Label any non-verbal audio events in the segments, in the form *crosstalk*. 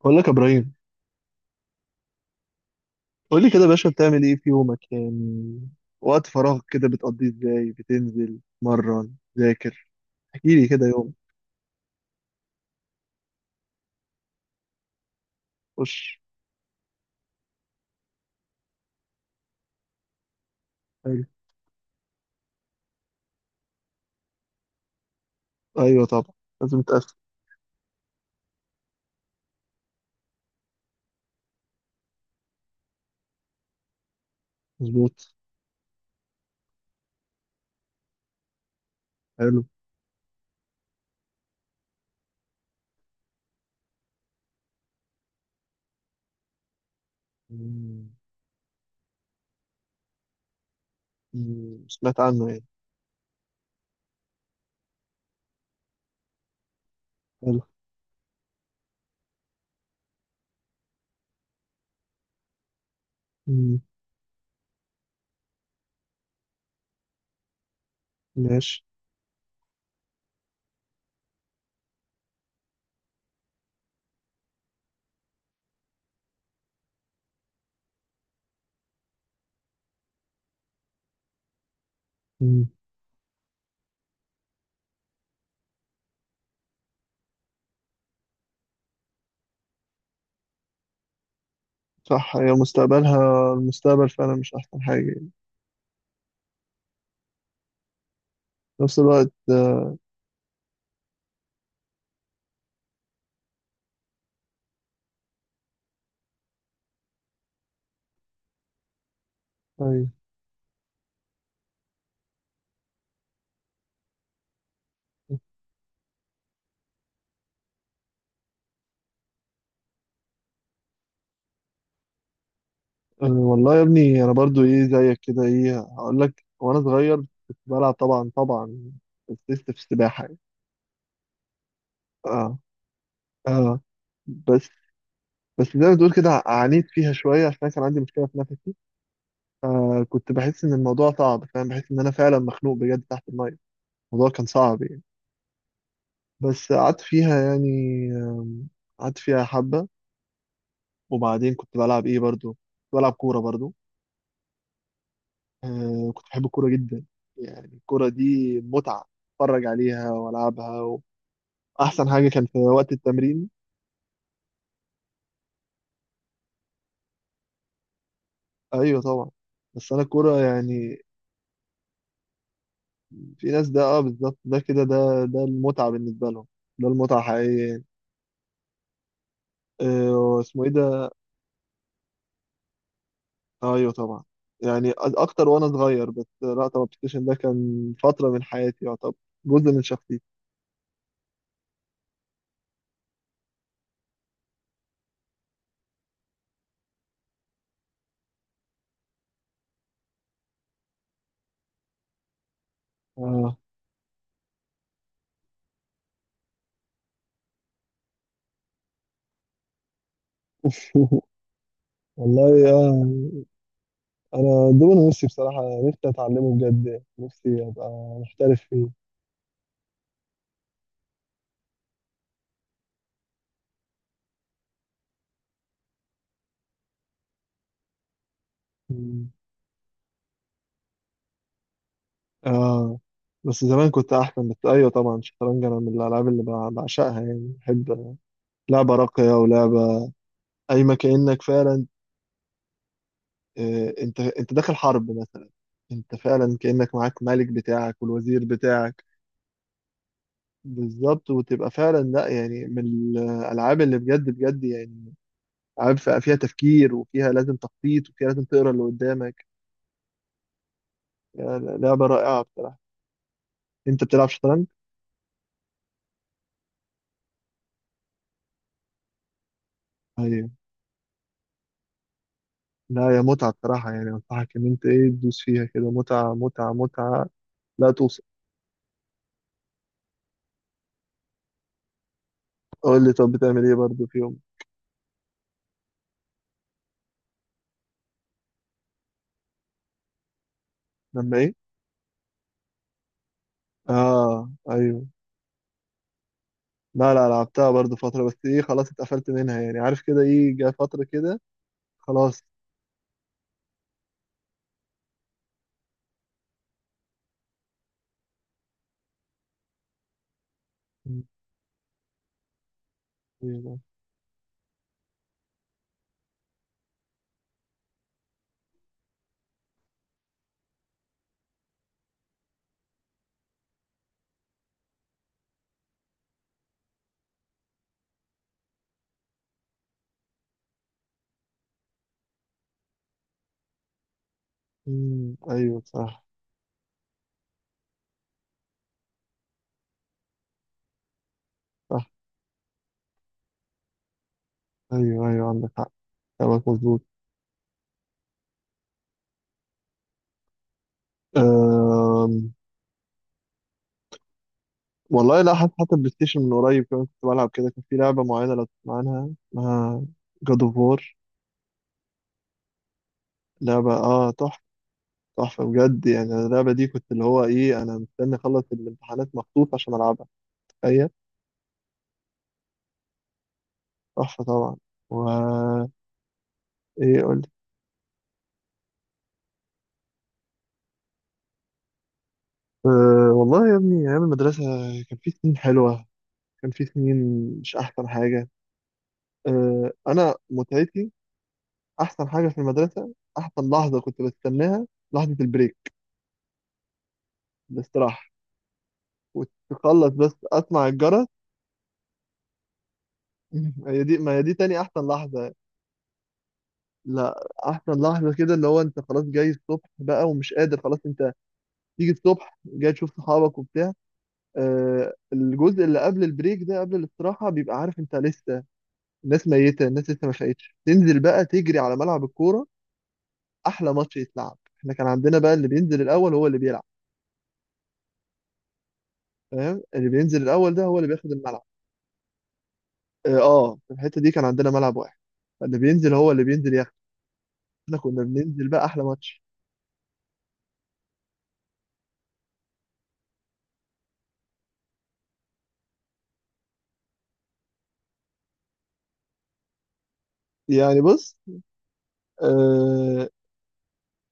بقول لك يا ابراهيم. قول لي كده يا باشا، بتعمل ايه في يومك يعني؟ وقت فراغك كده بتقضيه ازاي، بتنزل تمرن تذاكر؟ احكي لي كده يوم. خش. حلو. ايوه طبعا. لازم تقفل. مظبوط. حلو. مم. مم، سمعت عنه يعني. حلو. مم. ماشي. مم. صح، هي مستقبلها المستقبل فعلا، مش احسن حاجه يعني. في نفس الوقت. ايوه. والله يا ابني، انا برضو ايه زيك كده. ايه هقول لك، وانا صغير كنت بلعب طبعا طبعا. كنت لسه في السباحه. اه، اه. بس بس زي ما تقول كده، عانيت فيها شويه عشان أنا كان عندي مشكله في نفسي. فكنت بحس ان الموضوع صعب، فاهم؟ بحس ان انا فعلا مخنوق بجد تحت الميه. الموضوع كان صعب يعني. بس قعدت فيها يعني. آم، قعدت فيها حبه. وبعدين كنت بلعب ايه برضو. كنت بلعب كوره برضو. كنت بحب الكوره جدا. يعني الكوره دي متعه، اتفرج عليها والعبها، واحسن حاجه كان في وقت التمرين. ايوه طبعا. بس انا الكوره يعني، في ناس، ده اه بالظبط، ده كده، ده المتعة بالنسبة لهم. ده المتعة حقيقية يعني. اسمه ايه ده؟ ايوه طبعا. يعني اكتر وانا صغير. بس لا طبعا، البلايستيشن ده كان فترة من حياتي، يعتبر جزء من شخصيتي. اه. *laughs* والله اه. انا دول نفسي بصراحة، نفسي اتعلمه بجد، نفسي ابقى محترف فيه. مم. اه، بس زمان كنت احسن. بس ايوه طبعا، الشطرنج انا من الالعاب اللي بعشقها يعني. بحب لعبة راقية ولعبة قايمة، كأنك فعلا انت داخل حرب مثلا. انت فعلا كأنك معاك ملك بتاعك والوزير بتاعك. بالظبط، وتبقى فعلا لا يعني من الالعاب اللي بجد بجد يعني. العاب فيها تفكير، وفيها لازم تخطيط، وفيها لازم تقرا اللي قدامك. لعبه رائعه بصراحه. انت بتلعب شطرنج؟ ايوه. لا، يا متعه بصراحه يعني. انصحك ان انت ايه، تدوس فيها كده. متعه متعه متعه لا توصف. قول لي، طب بتعمل ايه برضه في يوم؟ لما ايه؟ اه، ايوه. لا، لا لعبتها برضو فترة، بس ايه خلاص اتقفلت منها يعني. عارف كده، ايه جه فترة كده. خلاص. أيوة. أيوة، صح. صح. ايوه، ايوه، عندك حق. كلامك مظبوط. أم... والله لا. حتى البلاي ستيشن من قريب كمان كنت بلعب. كده كان في لعبة معينة، لو تسمع عنها اسمها جاد اوف وور. لعبة تحفة. تحفة بجد يعني. أنا اللعبة دي كنت، اللي هو ايه، انا مستني اخلص الامتحانات مخصوص عشان العبها. تخيل. تحفة طبعا. و، ايه قول؟ والله يا ابني، أيام المدرسة كان في سنين حلوة. كان في سنين، مش أحسن حاجة. أنا متعتي، أحسن حاجة في المدرسة، أحسن لحظة كنت بستناها، لحظة البريك. الاستراحة. وتخلص بس أسمع الجرس. *laughs* هي دي، ما هي دي تاني أحسن لحظة. لا، أحسن لحظة كده اللي هو أنت خلاص جاي الصبح بقى ومش قادر، خلاص أنت تيجي الصبح، جاي تشوف صحابك وبتاع. الجزء اللي قبل البريك ده، قبل الاستراحة، بيبقى عارف أنت لسه، الناس ميتة، الناس لسه ما فاقتش. تنزل بقى تجري على ملعب الكورة، أحلى ماتش يتلعب. احنا كان عندنا بقى اللي بينزل الأول هو اللي بيلعب، فاهم؟ اللي بينزل الأول ده هو اللي بياخد الملعب. اه. في الحتة دي كان عندنا ملعب واحد. فاللي بينزل هو اللي بينزل ياخد. احنا كنا بننزل بقى أحلى ماتش. يعني بص. آه.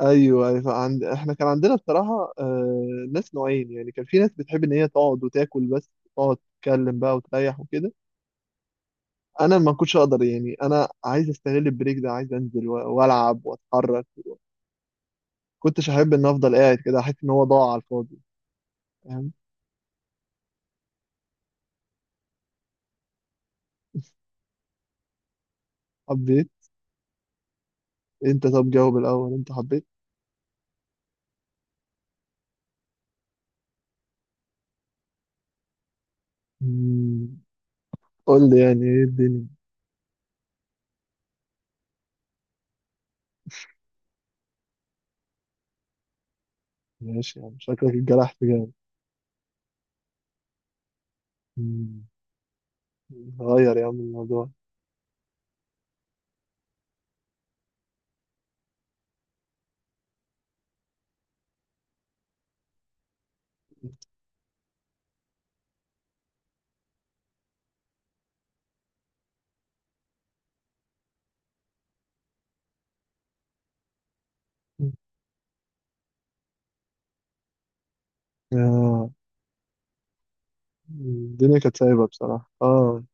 ايوه، أيوة، احنا كان عندنا بصراحه، ناس نوعين يعني. كان في ناس بتحب ان هي تقعد وتاكل بس، تقعد تتكلم بقى وتريح وكده. انا ما كنتش اقدر يعني. انا عايز استغل البريك ده، عايز انزل والعب واتحرك. كنتش احب ان افضل قاعد كده، احس ان هو ضاع على الفاضي. فاهم؟ حبيت. انت طب جاوب الاول، انت حبيت؟ مم. قول لي يعني، ايه الدنيا؟ ماشي، يعني شكلك اتجرحت جامد. مم. غير يا عم الموضوع. آه. الدنيا كانت سايبة بصراحة، اه.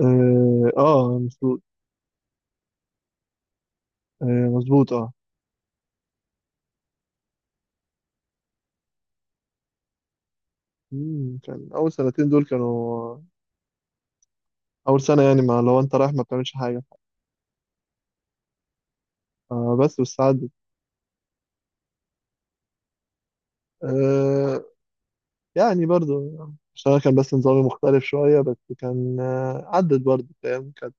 اه. مظبوط. آه، مظبوط، اه. كان أول سنتين دول كانوا أول سنة، يعني ما لو أنت رايح ما بتعملش حاجة. بس والساعات. آه، يعني برضو، عشان أنا كان بس نظامي مختلف شوية. بس كان عدت برضو، فاهم؟ كانت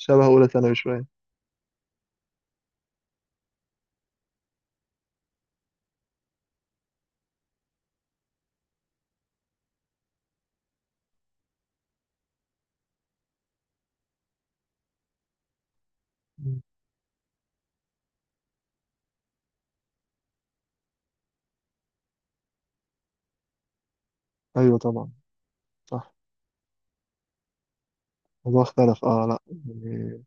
شبه أولى ثانوي شوية. مم. أيوة طبعا. صح. الموضوع اختلف، اه لا يعني،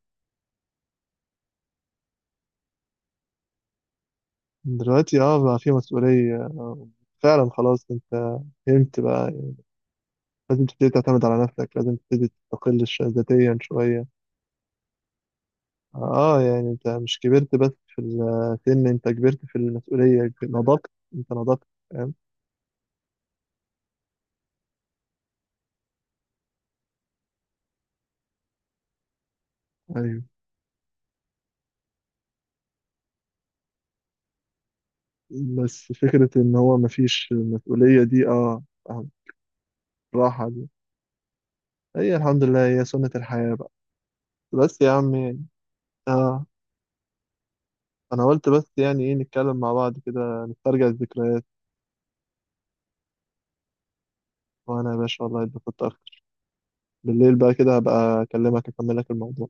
دلوقتي بقى في مسؤولية. فعلا خلاص، انت فهمت بقى يعني. لازم تبتدي تعتمد على نفسك، لازم تبتدي تستقل ذاتيا شوية. اه يعني انت مش كبرت بس في السن، انت كبرت في المسؤولية، نضجت. انت نضجت، فاهم؟ ايوه. بس فكرة إن هو مفيش مسؤولية دي. آه، راحة دي هي. الحمد لله، هي سنة الحياة بقى. بس يا عم يعني. آه. أنا قلت بس، يعني إيه، نتكلم مع بعض كده، نسترجع الذكريات. وأنا يا باشا والله اتبسطت أكتر. بالليل بقى كده هبقى أكلمك، أكمل لك الموضوع.